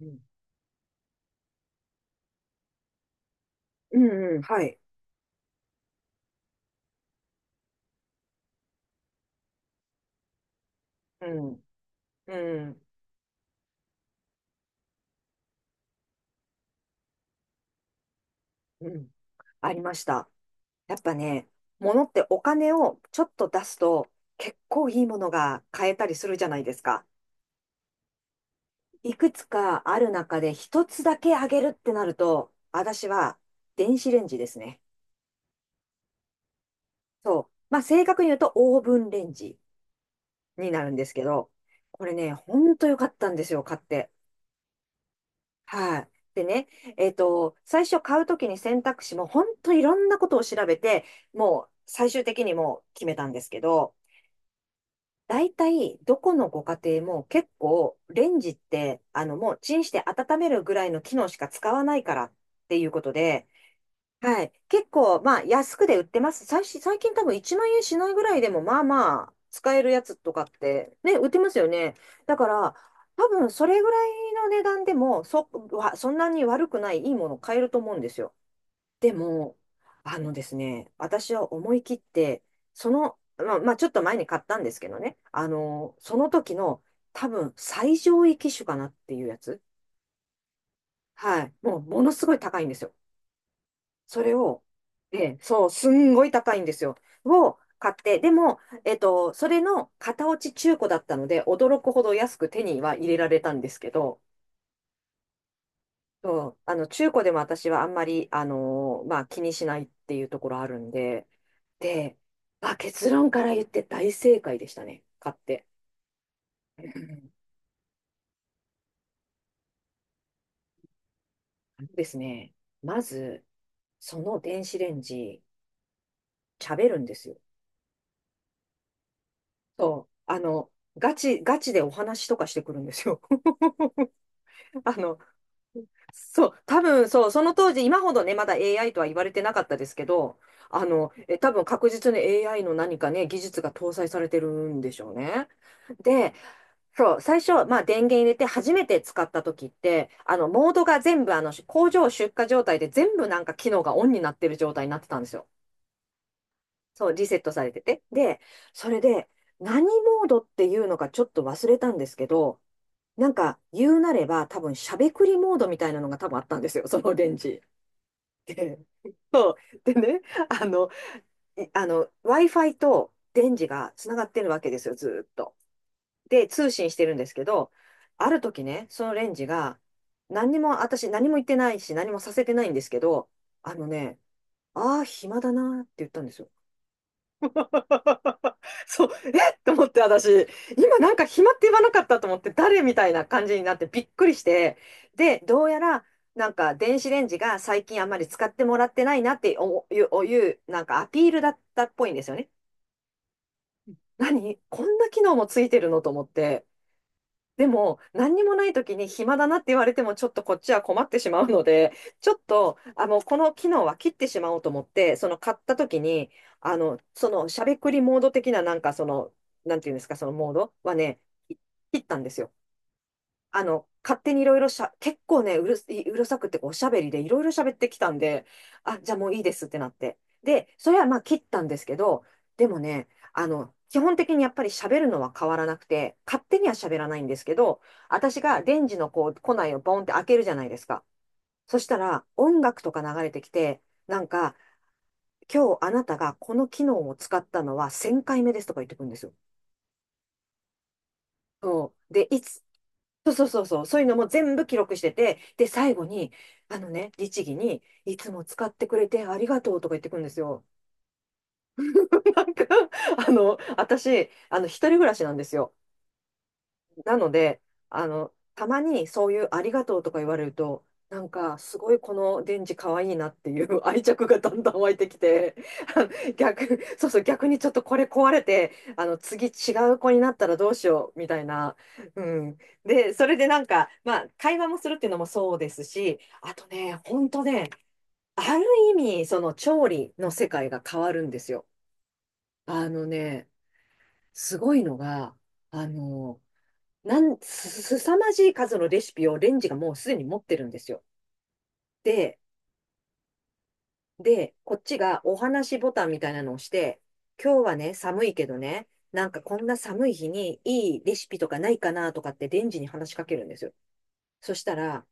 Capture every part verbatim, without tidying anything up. うん、うんうんはい。うん、うん、うん。ありました。やっぱね、物ってお金をちょっと出すと結構いいものが買えたりするじゃないですか。いくつかある中で一つだけあげるってなると、私は電子レンジですね。そう。まあ正確に言うとオーブンレンジになるんですけど、これね、ほんと良かったんですよ、買って。はい。でね、えっと、最初買うときに選択肢も本当いろんなことを調べて、もう最終的にもう決めたんですけど、大体どこのご家庭も結構レンジって、あのもうチンして温めるぐらいの機能しか使わないからっていうことで、はい。結構、まあ、安くで売ってます。最近、最近多分いちまん円しないぐらいでも、まあまあ、使えるやつとかって、ね、売ってますよね。だから、多分、それぐらいの値段でも、そ、わそんなに悪くない、いいものを買えると思うんですよ。でも、あのですね、私は思い切って、その、まあ、まあ、ちょっと前に買ったんですけどね、あの、その時の、多分、最上位機種かなっていうやつ。はい。もう、ものすごい高いんですよ。それを、ええ、そう、すんごい高いんですよ。を買って、でも、えっと、それの型落ち中古だったので、驚くほど安く手には入れられたんですけど、そうあの中古でも私はあんまり、あのーまあ、気にしないっていうところあるんで、で、まあ、結論から言って大正解でしたね、買って。うんですね、まず、その電子レンジ、喋るんですよ。そう、あの、ガチ、ガチでお話とかしてくるんですよ。あの、そう、多分そう、その当時、今ほどね、まだ エーアイ とは言われてなかったですけど、あの、え、多分確実に エーアイ の何かね、技術が搭載されてるんでしょうね。で、そう、最初、まあ電源入れて初めて使った時って、あの、モードが全部、あの、工場出荷状態で全部なんか機能がオンになってる状態になってたんですよ。そう、リセットされてて。で、それで、何モードっていうのかちょっと忘れたんですけど、なんか言うなれば多分しゃべくりモードみたいなのが多分あったんですよ、そのレンジ。で、でね、あの、いあの、Wi-Fi と電磁がつながってるわけですよ、ずーっと。で、通信してるんですけど、ある時ね、そのレンジが、何にも、私何も言ってないし、何もさせてないんですけど、あのね、ああ、暇だなーって言ったんですよ。そう、えっと思って、私、今なんか暇って言わなかったと思って、誰みたいな感じになってびっくりして、で、どうやら、なんか電子レンジが最近あんまり使ってもらってないなっておいう、おいうなんかアピールだったっぽいんですよね。何こんな機能もついてるのと思って。でも、何にもない時に暇だなって言われても、ちょっとこっちは困ってしまうので、ちょっと、あの、この機能は切ってしまおうと思って、その買った時に、あの、そのしゃべくりモード的な、なんかその、なんていうんですか、そのモードはね、切ったんですよ。あの、勝手にいろいろしゃ、結構ね、うるうるさくっておしゃべりでいろいろ喋ってきたんで、あ、じゃあもういいですってなって。で、それはまあ切ったんですけど、でもね、あの、基本的にやっぱり喋るのは変わらなくて、勝手には喋らないんですけど、私が電磁のこう、庫内をボンって開けるじゃないですか。そしたら、音楽とか流れてきて、なんか、今日あなたがこの機能を使ったのはせんかいめですとか言ってくるんですよ。そう。で、いつ、そうそうそうそう、そういうのも全部記録してて、で、最後に、あのね、律儀に、いつも使ってくれてありがとうとか言ってくるんですよ。なんか、あの、私、あの、一人暮らしなんですよ。なので、あの、たまにそういうありがとうとか言われると、なんかすごいこのデンジ可愛いなっていう 愛着がだんだん湧いてきて、あの逆、そうそう、逆にちょっとこれ壊れて、あの、次違う子になったらどうしようみたいな。うん。で、それでなんか、まあ、会話もするっていうのもそうですし、あとね、本当ね、ある意味、その調理の世界が変わるんですよ。あのね、すごいのが、あの、なん、す、すさまじい数のレシピをレンジがもうすでに持ってるんですよ。で、で、こっちがお話ボタンみたいなのを押して、今日はね、寒いけどね、なんかこんな寒い日にいいレシピとかないかなとかってレンジに話しかけるんですよ。そしたら、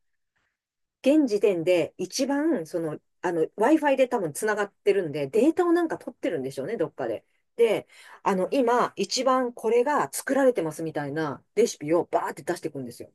現時点で一番、その、あの、Wi-Fi で多分つながってるんで、データをなんか取ってるんでしょうね、どっかで。で、あの、今、一番これが作られてますみたいなレシピをバーって出していくんですよ。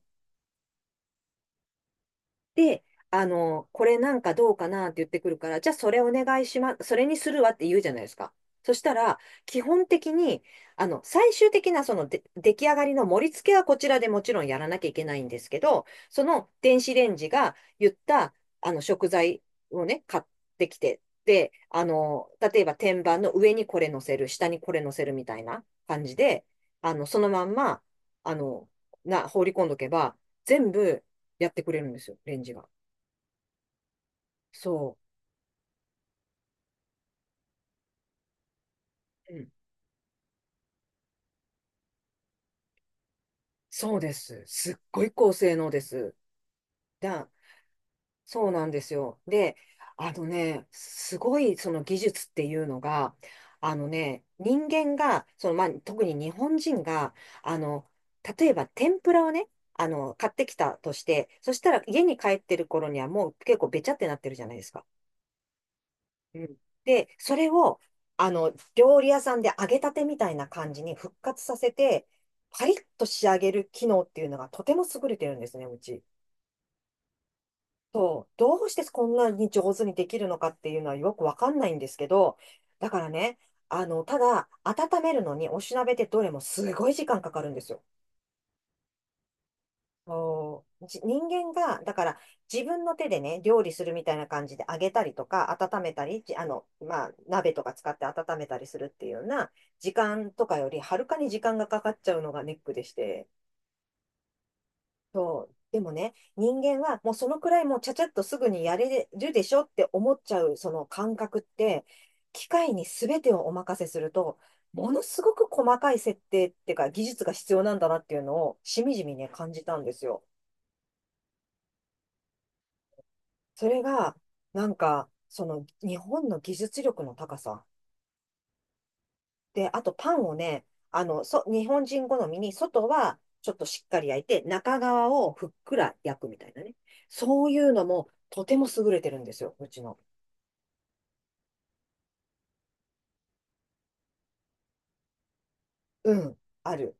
で、あの、これなんかどうかなって言ってくるから、じゃあそれお願いします、それにするわって言うじゃないですか。そしたら、基本的に、あの、最終的なそので出来上がりの盛り付けはこちらでもちろんやらなきゃいけないんですけど、その電子レンジが言ったあの食材をね、買ってきて、で、あの、例えば天板の上にこれ乗せる、下にこれ乗せるみたいな感じで、あの、そのまんま、あの、な、放り込んどけば、全部、やってくれるんですよ、レンジが。そう。うん。そうです。すっごい高性能です。だ、そうなんですよ。で、あのね、すごいその技術っていうのが、あのね、人間が、その、まあ、特に日本人が、あの、例えば天ぷらをね、あの、買ってきたとして、そしたら家に帰ってる頃にはもう結構べちゃってなってるじゃないですか。うん。で、それを、あの、料理屋さんで揚げたてみたいな感じに復活させて、パリッと仕上げる機能っていうのがとても優れてるんですね、うち。そう、どうしてこんなに上手にできるのかっていうのはよくわかんないんですけど、だからね、あの、ただ、温めるのにおしなべってどれもすごい時間かかるんですよ。そうじ人間が、だから自分の手でね、料理するみたいな感じで揚げたりとか、温めたり、じあの、まあ、鍋とか使って温めたりするっていうような、時間とかよりはるかに時間がかかっちゃうのがネックでして、そう。でもね、人間はもうそのくらいもうちゃちゃっとすぐにやれるでしょって思っちゃうその感覚って、機械に全てをお任せすると、ものすごく細かい設定っていうか技術が必要なんだなっていうのをしみじみね、感じたんですよ。それが、なんか、その日本の技術力の高さ。で、あとパンをね、あの、そ、日本人好みに、外はちょっとしっかり焼いて、中側をふっくら焼くみたいなね。そういうのもとても優れてるんですよ、うちの。うん、ある。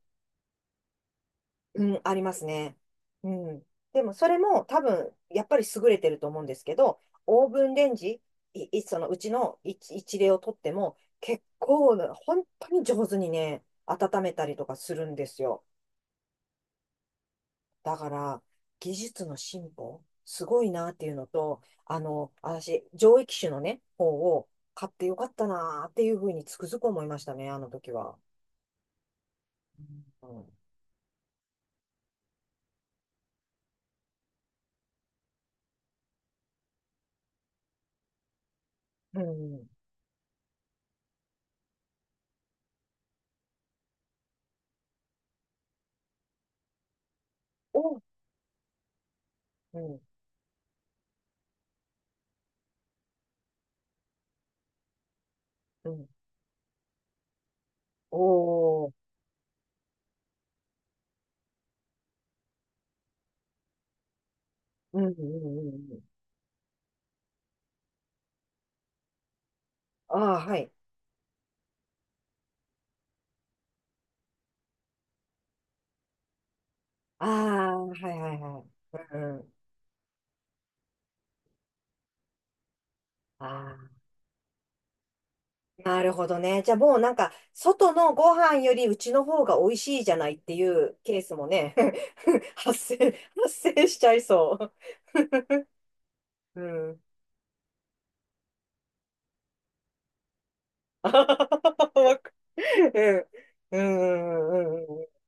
うん、ありますね。うん。でも、それも多分、やっぱり優れてると思うんですけど、オーブンレンジ、い、いそのうちの一、一例をとっても、結構な、本当に上手にね、温めたりとかするんですよ。だから、技術の進歩、すごいなっていうのと、あの、私、上位機種のね、方を買ってよかったなっていうふうにつくづく思いましたね、あの時は。うん。うん。お、うん。うん。おーうんうんうんうん。ああ、はい。ああ、はいはいはい。うんうん。ああ、なるほどね。じゃあもうなんか、外のご飯よりうちの方が美味しいじゃないっていうケースもね、発生、発生しちゃいそう。うん。あはははわかるうん。うんうんうんうんうん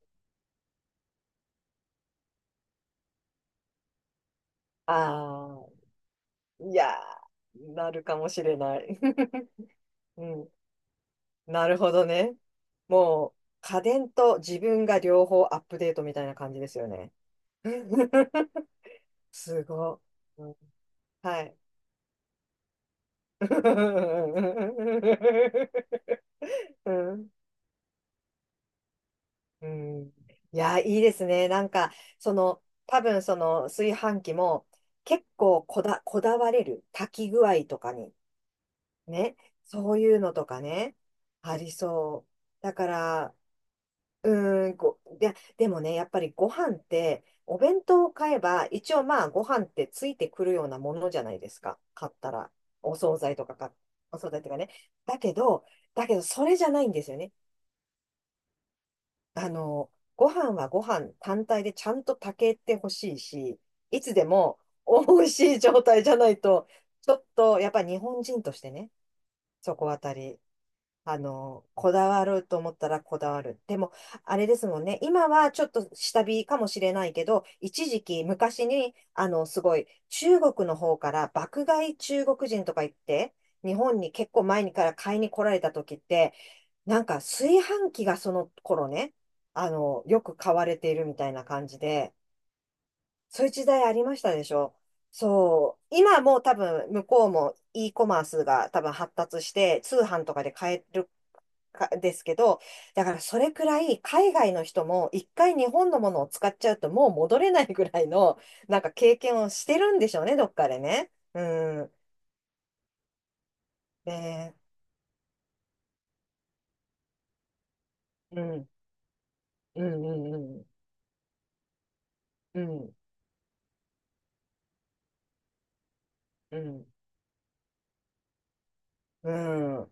ああ、いやー、なるかもしれない。うん。なるほどね。もう、家電と自分が両方アップデートみたいな感じですよね。すごい。うんはい。うんうん、いや、いいですね。なんか、その、多分その炊飯器も結構こだ、こだわれる。炊き具合とかに。ね。そういうのとかね。ありそう。だから、うーん、ご、で、でもね、やっぱりご飯って、お弁当を買えば、一応まあ、ご飯ってついてくるようなものじゃないですか。買ったら。お惣菜とかか、お惣菜とかね。だけど、だけど、それじゃないんですよね。あの、ご飯はご飯単体でちゃんと炊けてほしいし、いつでも美味しい状態じゃないと、ちょっと、やっぱり日本人としてね、そこあたり、あの、こだわると思ったらこだわる。でも、あれですもんね。今はちょっと下火かもしれないけど、一時期昔に、あの、すごい、中国の方から爆買い中国人とか言って、日本に結構前にから買いに来られた時って、なんか炊飯器がその頃ね、あの、よく買われているみたいな感じで、そういう時代ありましたでしょ。そう。今もう多分向こうも e コマースが多分発達して通販とかで買えるかですけど、だからそれくらい海外の人も一回日本のものを使っちゃうともう戻れないぐらいのなんか経験をしてるんでしょうね、どっかでね。うん。ねうん。うんうんうん。うん。うん。うん。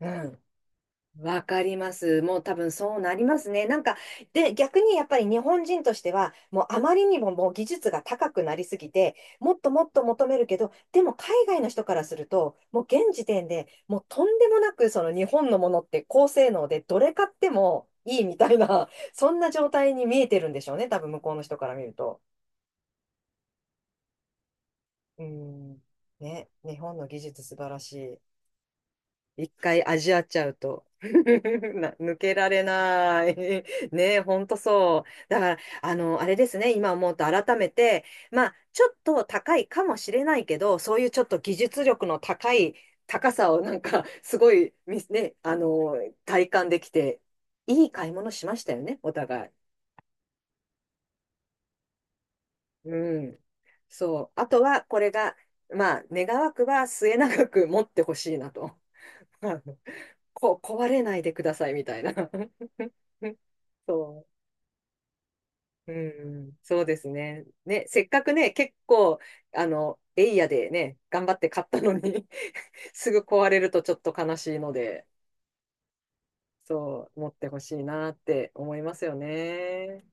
うん。わかります。もう多分そうなりますね。なんか、で、逆にやっぱり日本人としては、もうあまりにももう技術が高くなりすぎて、もっともっと求めるけど、でも海外の人からすると、もう現時点でもうとんでもなくその日本のものって高性能でどれ買ってもいいみたいな、そんな状態に見えてるんでしょうね。多分向こうの人から見ると。うん。ね、日本の技術素晴らしい。一回味わっちゃうと。な抜けられない。ねえ、ほんとそう。だから、あの、あれですね、今思うと改めて、まあ、ちょっと高いかもしれないけど、そういうちょっと技術力の高い高さをなんか、すごい、みね、あの、体感できて、いい買い物しましたよね、お互い。うん。そう。あとは、これが、まあ、願わくば末永く持ってほしいなと。こ、壊れないでくださいみたいな。そう。うん、そうですね。ね、せっかくね、結構、あの、エイヤでね、頑張って買ったのに すぐ壊れるとちょっと悲しいので、そう、持ってほしいなって思いますよね。